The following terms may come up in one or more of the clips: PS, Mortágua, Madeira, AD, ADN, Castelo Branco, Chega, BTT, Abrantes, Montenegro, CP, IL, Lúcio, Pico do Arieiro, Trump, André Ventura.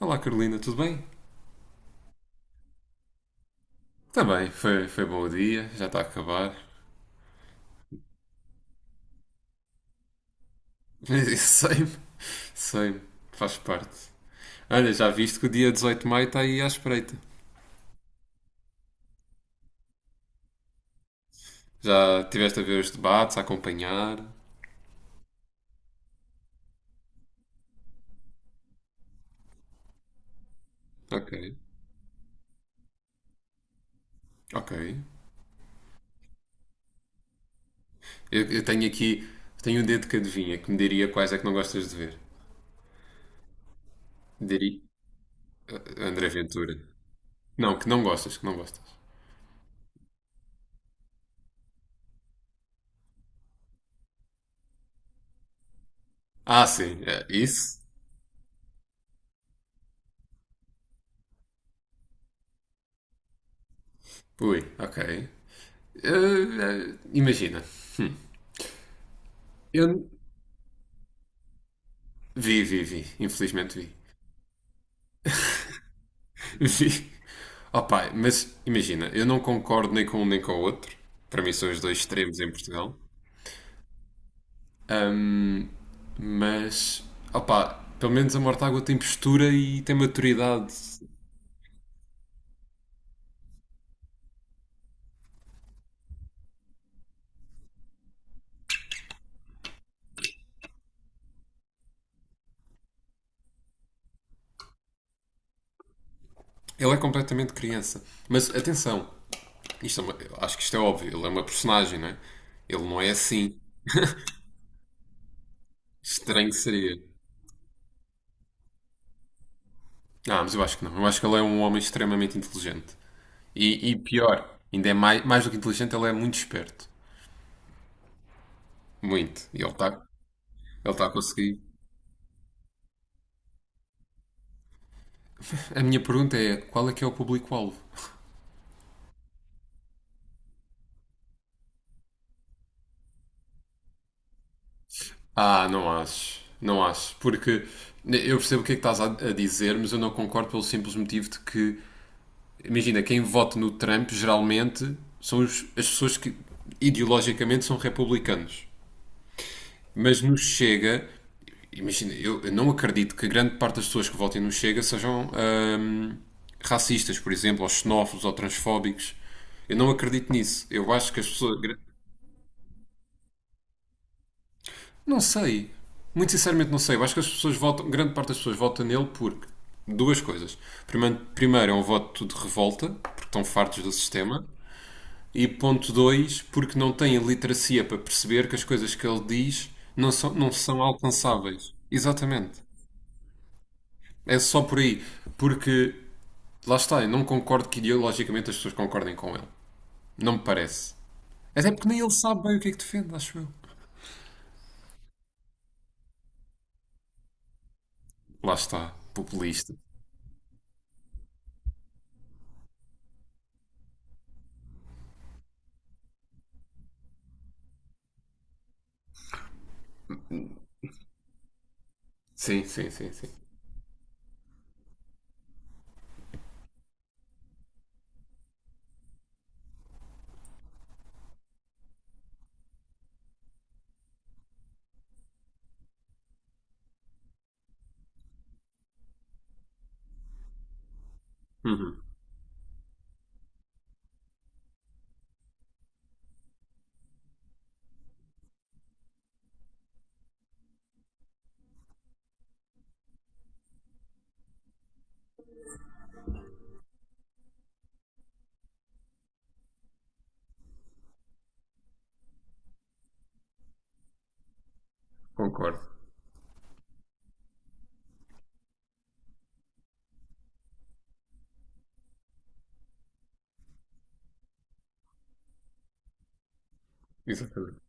Olá, Carolina, tudo bem? Está bem, foi bom o dia, já está a acabar. Sei-me, sei-me, faz parte. Olha, já viste que o dia 18 de maio está aí à espreita? Já tiveste a ver os debates, a acompanhar? Ok, ok. Eu tenho aqui, tenho um dedo de adivinha que me diria quais é que não gostas de ver. Diria André Ventura. Não, que não gostas, que não gostas. Ah, sim, é, isso? Ui, ok. Imagina. Hum. Eu, vi, vi, vi. Infelizmente vi. Vi. Opa, mas imagina, eu não concordo nem com um nem com o outro. Para mim são os dois extremos em Portugal. Ahm, mas, opa, pelo menos a Mortágua tem postura e tem maturidade. Ele é completamente criança. Mas atenção, isto é uma- eu acho que isto é óbvio. Ele é uma personagem, não é? Ele não é assim. Estranho que seria. Ah, mas eu acho que não. Eu acho que ele é um homem extremamente inteligente. E pior, ainda é mais, mais do que inteligente, ele é muito esperto. Muito. E ele está, ele tá a conseguir. A minha pergunta é: qual é que é o público-alvo? Ah, não acho. Não acho. Porque eu percebo o que é que estás a dizer, mas eu não concordo pelo simples motivo de que, imagina, quem vota no Trump geralmente são os- as pessoas que ideologicamente são republicanos. Mas no Chega, imagina, eu não acredito que grande parte das pessoas que votem no Chega sejam racistas, por exemplo, ou xenófobos ou transfóbicos. Eu não acredito nisso. Eu acho que as pessoas. Não sei. Muito sinceramente não sei. Eu acho que as pessoas votam, grande parte das pessoas vota nele porque duas coisas. Primeiro, primeiro é um voto de revolta, porque estão fartos do sistema. E ponto dois, porque não têm literacia para perceber que as coisas que ele diz não são, não são alcançáveis. Exatamente. É só por aí. Porque, lá está, eu não concordo que ideologicamente as pessoas concordem com ele. Não me parece. Até porque nem ele sabe bem o que é que defende, acho eu. Lá está, populista. Sim, sim, sim, sim. Uhum, concordo. Exatamente.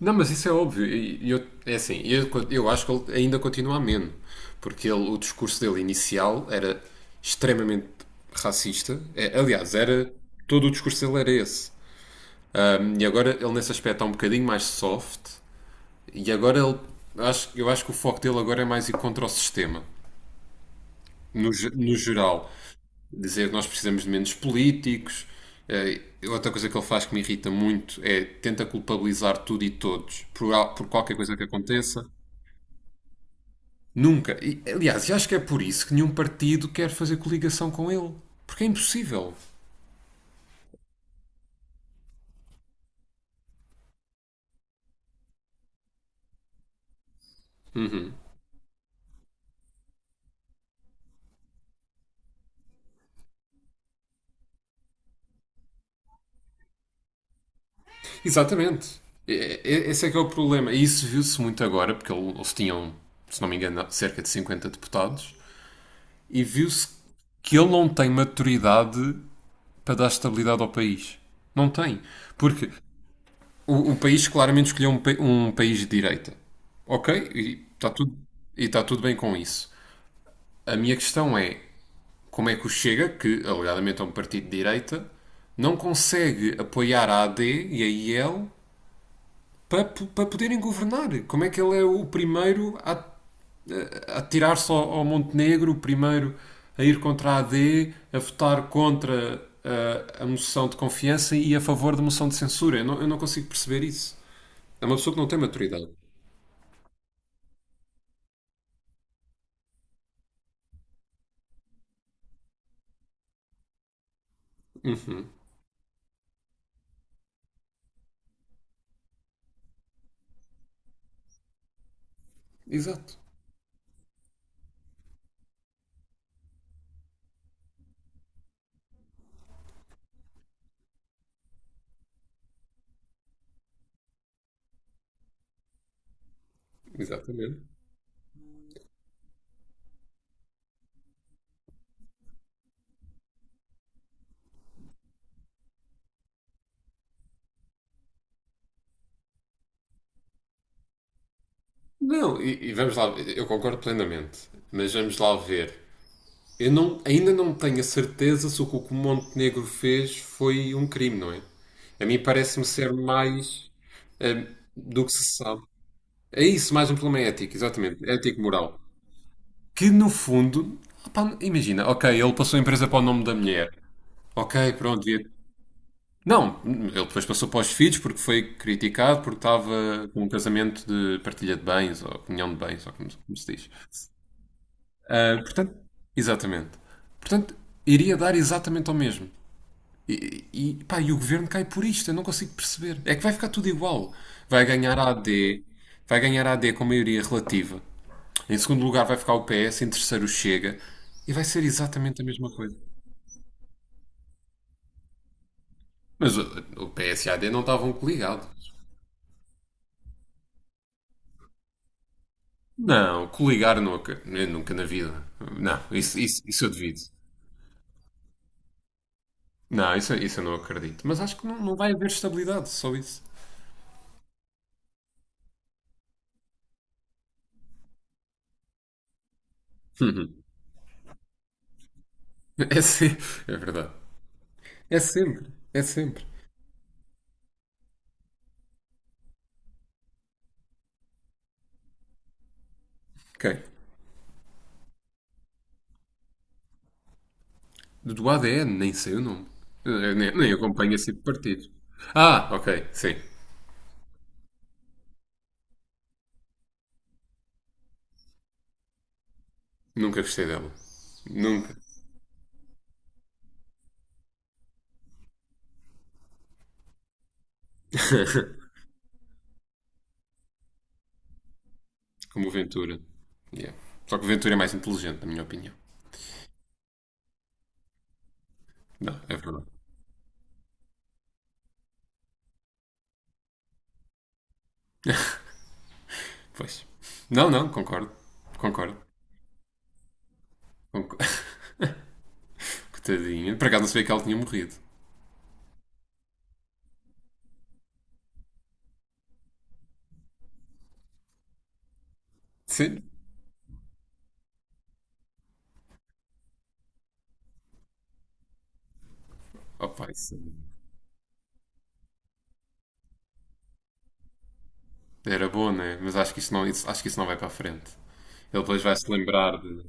Não, mas isso é óbvio. E eu, é assim, eu acho que ele ainda continua ameno, porque ele- o discurso dele inicial era extremamente racista. É, aliás, era todo o discurso dele era esse. E agora ele nesse aspecto está um bocadinho mais soft. E agora ele, acho, eu acho que o foco dele agora é mais ir contra o sistema, no, ge- no geral. Dizer que nós precisamos de menos políticos. Eh, outra coisa que ele faz que me irrita muito é tenta culpabilizar tudo e todos por, al- por qualquer coisa que aconteça. Nunca. E, aliás, eu acho que é por isso que nenhum partido quer fazer coligação com ele. Porque é impossível. Exatamente. E- esse é que é o problema. E isso viu-se muito agora, porque ele- eles tinham, se não me engano, cerca de 50 deputados. E viu-se que ele não tem maturidade para dar estabilidade ao país. Não tem. Porque o país claramente escolheu um, pa- um país de direita. Ok? E está tudo bem com isso. A minha questão é: como é que o Chega, que alegadamente é um partido de direita, não consegue apoiar a AD e a IL para, po- para poderem governar? Como é que ele é o primeiro a tirar-se ao, ao Montenegro, o primeiro a ir contra a AD, a votar contra a moção de confiança e a favor da moção de censura? Eu não consigo perceber isso. É uma pessoa que não tem maturidade. Exato, exatamente. Não, e vamos lá, eu concordo plenamente, mas vamos lá ver. Eu não, ainda não tenho a certeza se o que o Montenegro fez foi um crime, não é? A mim parece-me ser mais eh, do que se sabe. É isso, mais um problema ético, exatamente, ético-moral. Que no fundo, opá, imagina, ok, ele passou a empresa para o nome da mulher. Ok, pronto, devia, não, ele depois passou para os filhos porque foi criticado porque estava com um casamento de partilha de bens ou comunhão de bens, ou como, como se diz. Ah, portanto, exatamente. Portanto, iria dar exatamente ao mesmo. E, pá, e o governo cai por isto, eu não consigo perceber. É que vai ficar tudo igual. Vai ganhar a AD, vai ganhar a AD com maioria relativa. Em segundo lugar vai ficar o PS, em terceiro o Chega e vai ser exatamente a mesma coisa. Mas o PS e a AD não estavam coligados. Não, coligar nunca, eu nunca na vida. Não, isso eu devido. Não, isso eu não acredito. Mas acho que não, não vai haver estabilidade, só isso. É sempre, é verdade. É sempre, é sempre. Ok. Do ADN nem sei o nome. Eu nem, nem acompanho esse tipo de partido. Ah, ok, sim. Nunca gostei dela. Nunca. Como o Ventura. Yeah. Só que o Ventura é mais inteligente, na minha opinião. Não, é verdade. Pois. Não, não, concordo. Concordo. Concordo. Que tadinha. Por acaso não sabia que ela tinha morrido. Sim. Opa, isso era bom, né? Mas acho que isso não, isso- acho que isso não vai para a frente. Ele depois vai se lembrar de.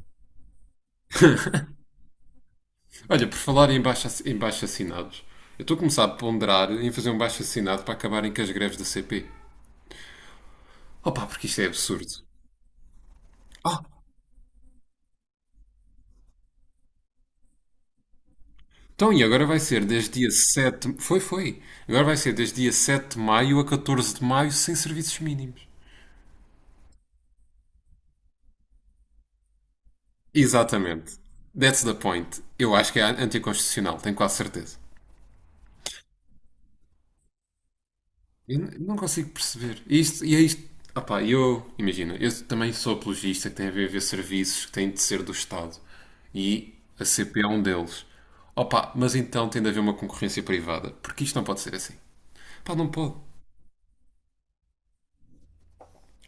Olha, por falar em baixo assinados, eu estou a começar a ponderar em fazer um baixo assinado para acabarem com as greves da CP. Opa, porque isto é absurdo. Ah, então e agora vai ser desde dia sete. Foi, foi. Agora vai ser desde dia 7 de maio a 14 de maio sem serviços mínimos. Exatamente. That's the point. Eu acho que é anticonstitucional, tenho quase certeza. Eu n- não consigo perceber. E, isto, e é isto. Opá, eu. Imagina, eu também sou apologista que tem a ver ver serviços que têm de ser do Estado. E a CP é um deles. Opa, mas então tem de haver uma concorrência privada. Porque isto não pode ser assim. Pá, não pode.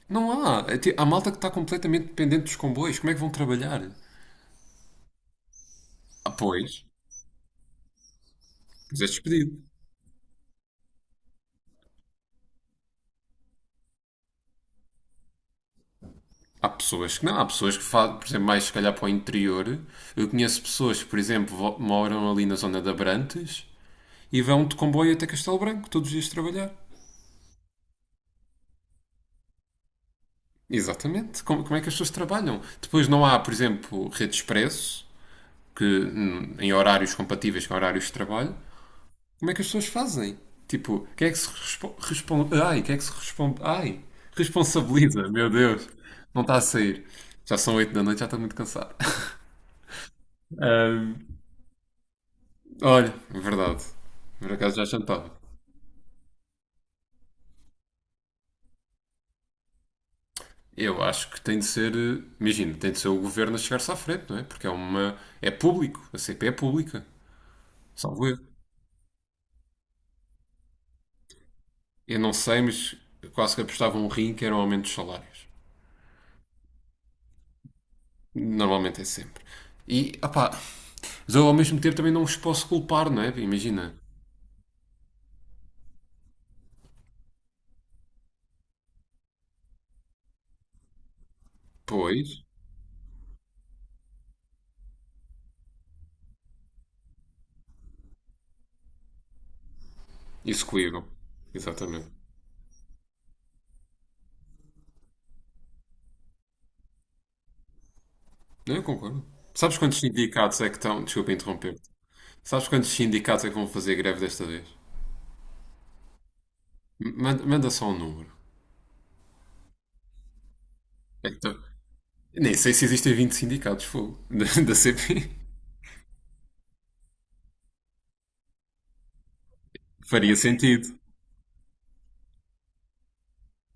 Não há. É ti- há malta que está completamente dependente dos comboios. Como é que vão trabalhar? Ah, pois. Mas é despedido. Há pessoas que não, há pessoas que fazem, por exemplo, mais se calhar para o interior. Eu conheço pessoas que, por exemplo, vo- moram ali na zona da Abrantes e vão de comboio até Castelo Branco todos os dias trabalhar. Exatamente. Como, como é que as pessoas trabalham? Depois não há, por exemplo, rede de expresso, que em horários compatíveis com horários de trabalho. Como é que as pessoas fazem? Tipo, quem é que se respo- responde? Ai, quem é que se responde? Ai, responsabiliza, meu Deus. Não está a sair. Já são 8 da noite, já estou muito cansado. Ahm, olha, é verdade. Por acaso já jantava. Eu acho que tem de ser, imagina, tem de ser o governo a chegar-se à frente, não é? Porque é uma, é público, a CP é pública. Salvo erro. Eu não sei, mas quase que apostava um rim que era um aumento dos salários. Normalmente é sempre. E, opá, mas eu ao mesmo tempo também não os posso culpar, não é? Imagina. Pois, execuíram. Exatamente. Não, eu concordo. Sabes quantos sindicatos é que estão. Desculpa interromper. Sabes quantos sindicatos é que vão fazer greve desta vez? M- manda, manda só um número. É que tá- nem sei se existem 20 sindicatos, fogo. Da, da CP. Faria sentido.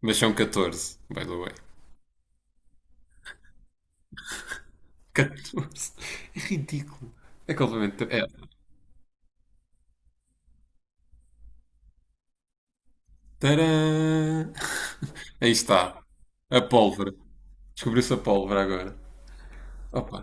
Mas são 14 by the way. 14. É ridículo. É completamente. É. Tadã! Aí está. A pólvora. Descobriu-se a pólvora agora. Opa,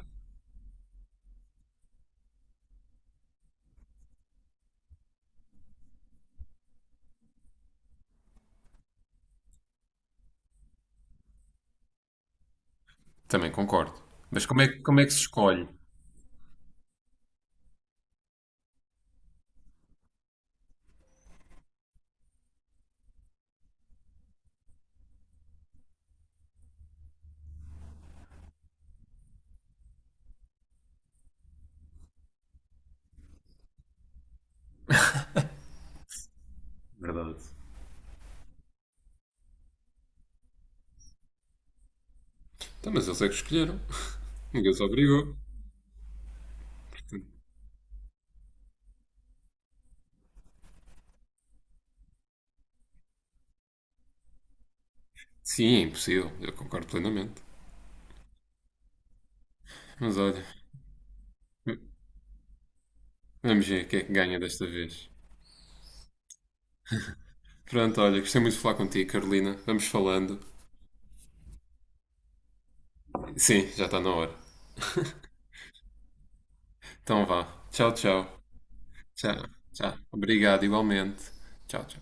também concordo. Mas como é que se escolhe? Verdade. Então, mas eles é que escolheram. Ninguém os obrigou. Sim, é impossível. Eu concordo plenamente. Mas olha, vamos ver quem é que ganha desta vez. Pronto, olha, gostei muito de falar contigo, Carolina. Vamos falando. Sim, já está na hora. Então vá. Tchau, tchau. Tchau, tchau. Obrigado, igualmente. Tchau, tchau.